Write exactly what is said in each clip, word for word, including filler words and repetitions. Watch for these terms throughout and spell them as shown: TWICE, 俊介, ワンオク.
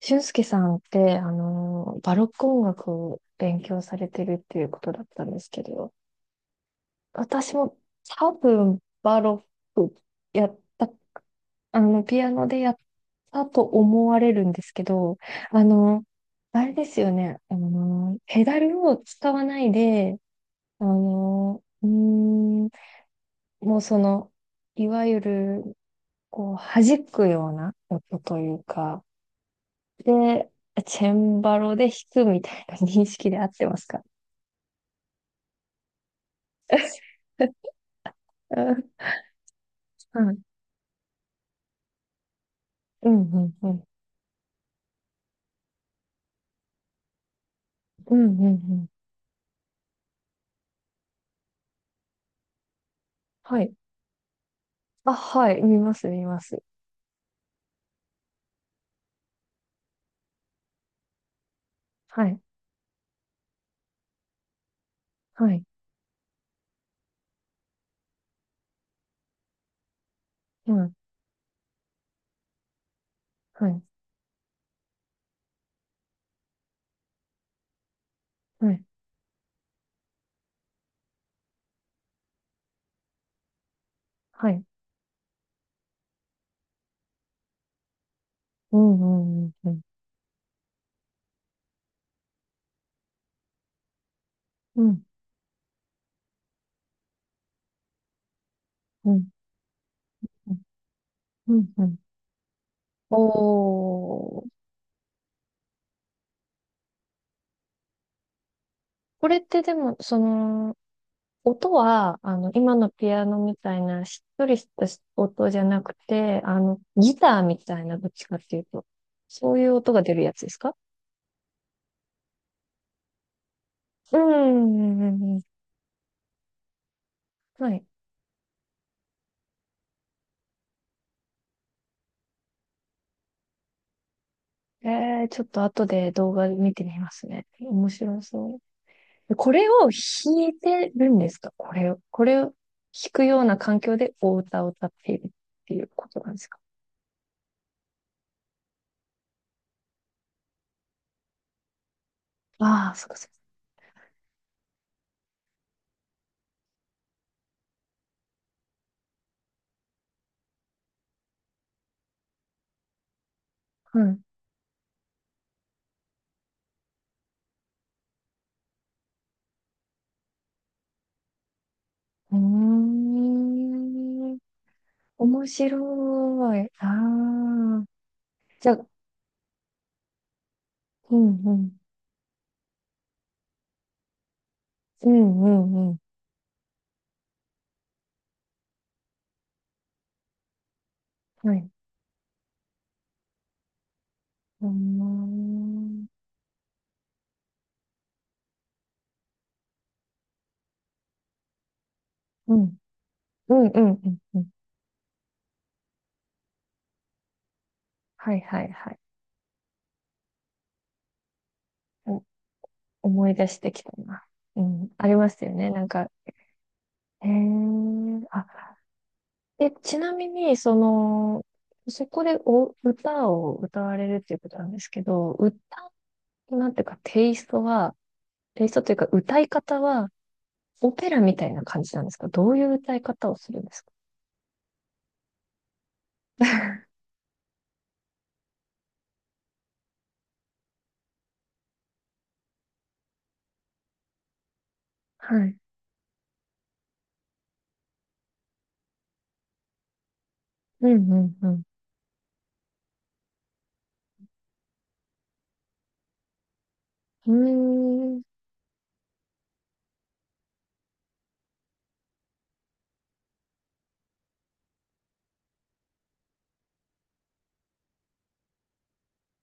俊介さんって、あの、バロック音楽を勉強されてるっていうことだったんですけど、私も多分バロックやった、あの、ピアノでやったと思われるんですけど、あの、あれですよね、あの、ペダルを使わないで、あの、うーん、もうその、いわゆる、こう、弾くような音というか、で、チェンバロで弾くみたいな認識で合ってますか？うん、はい。うん、うん、うん、うん、うん。うん、はい。あ、はい。見ます、見ます。はい、はい、うん、はい、はい、はい。うん、うん、うん、うん、うん、うん、うん、うん。おー。これってでも、その、音は、あの、今のピアノみたいな、しっとりした音じゃなくて、あの、ギターみたいな、どっちかっていうと、そういう音が出るやつですか？うん、うん、うん。はい。えー、ちょっと後で動画見てみますね。面白そう。これを弾いてるんですか？これを、これを弾くような環境でお歌を歌っているっていうことなんですか？ああー、そっかそっか。うん。うーん。面白い。ああ。じゃあ、うん、うん。うん、うん、うん。はい。うーん。うん、うん、うん、うん。うん、はい、はい、はい。思い出してきたな。うん、ありますよね。なんか、へえ、あ、で、ちなみに、その、そこでお歌を歌われるっていうことなんですけど、歌なんていうか、テイストは、テイストというか、歌い方は、オペラみたいな感じなんですか？どういう歌い方をするんですか？はい。うん、うん、うん。うーん。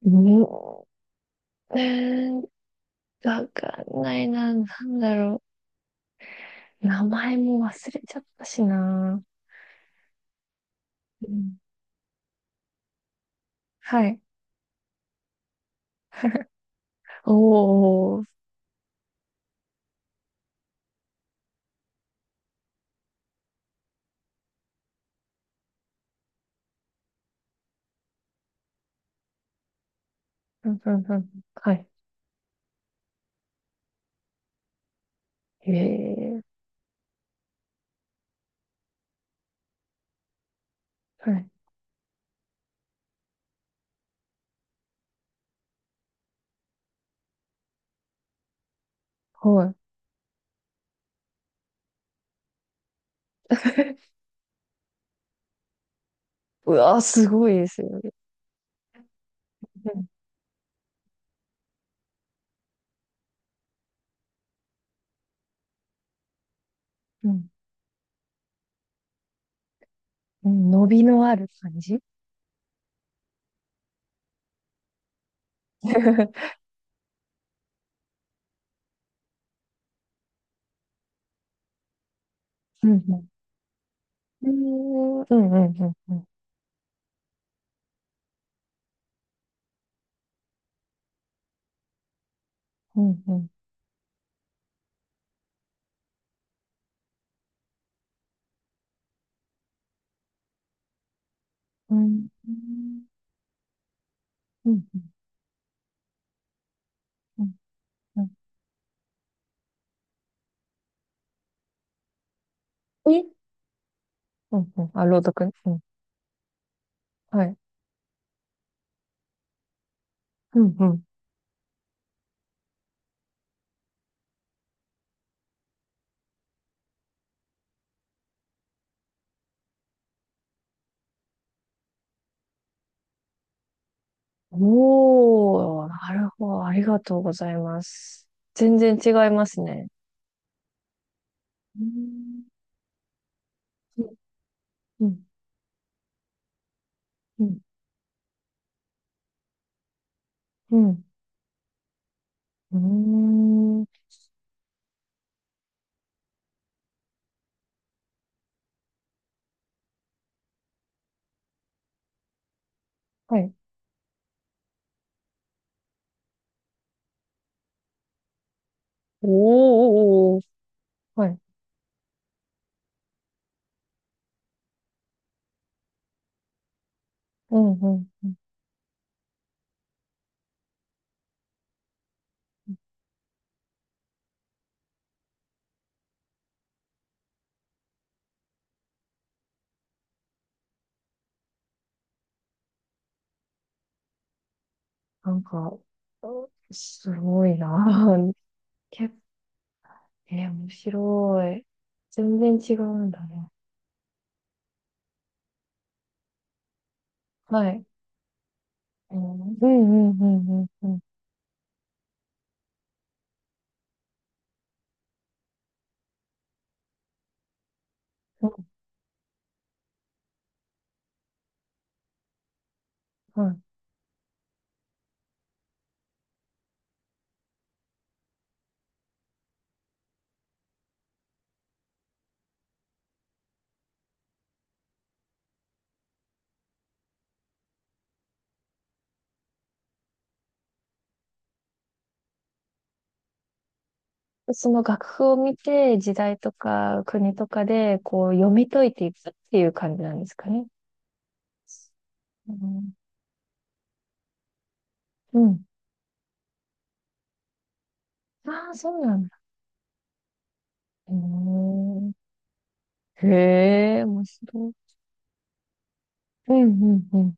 うーん。わかんないな。なんだろう。名前も忘れちゃったしな。うん。はい。おー、うん、うん、うん。はい。へえ、はい。はい。うわー、すごいですよね。うん、うん。伸びのある感じ うん、うん。うん、うん、うん、うん。うん、うん、うん。うん、うん、うん。え、うん、うん。あ、朗読。うん。はい。うん、うん。おー、なるほど。ありがとうございます。全然違いますね。うん、うん、うん、うん。うん、うーん、はい。おーおー、おー、はい。うん、うん。うん、なんか、すごいな。結構、えー、面白い。全然違うんだね。はい。うん、うん、うん、うん、うん、うん。はい。その楽譜を見て、時代とか国とかで、こう、読み解いていくっていう感じなんですかね？うん。うん。ああ、そうなんだ。うーん、へえ、面白い。うん、うん、うん。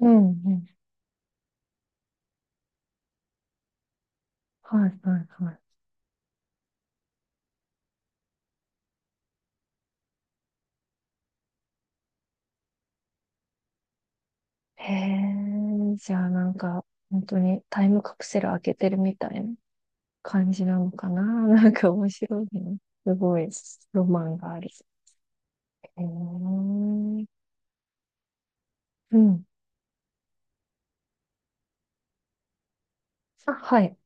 うん、うん。はい、はい、はい。へえ、じゃあなんか、本当にタイムカプセル開けてるみたいな感じなのかな。なんか面白いね。すごい、ロマンがある。へえ、うん。あ、はい、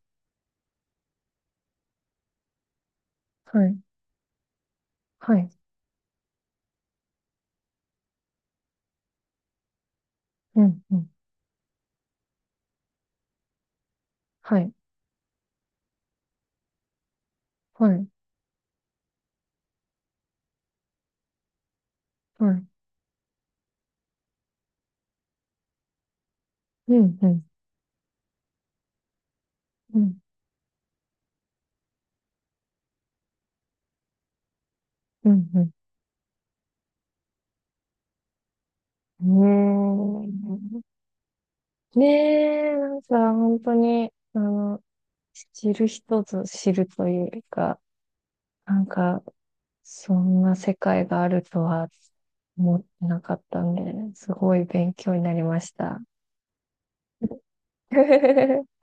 はい、はい、うん、うん、はい、はい、はい、うん、うん、うん、うん、うん。ねえ、ねえ、なんか本当に、あの、知る人ぞ知るというか、なんか、そんな世界があるとは思ってなかったんで、すごい勉強になりました。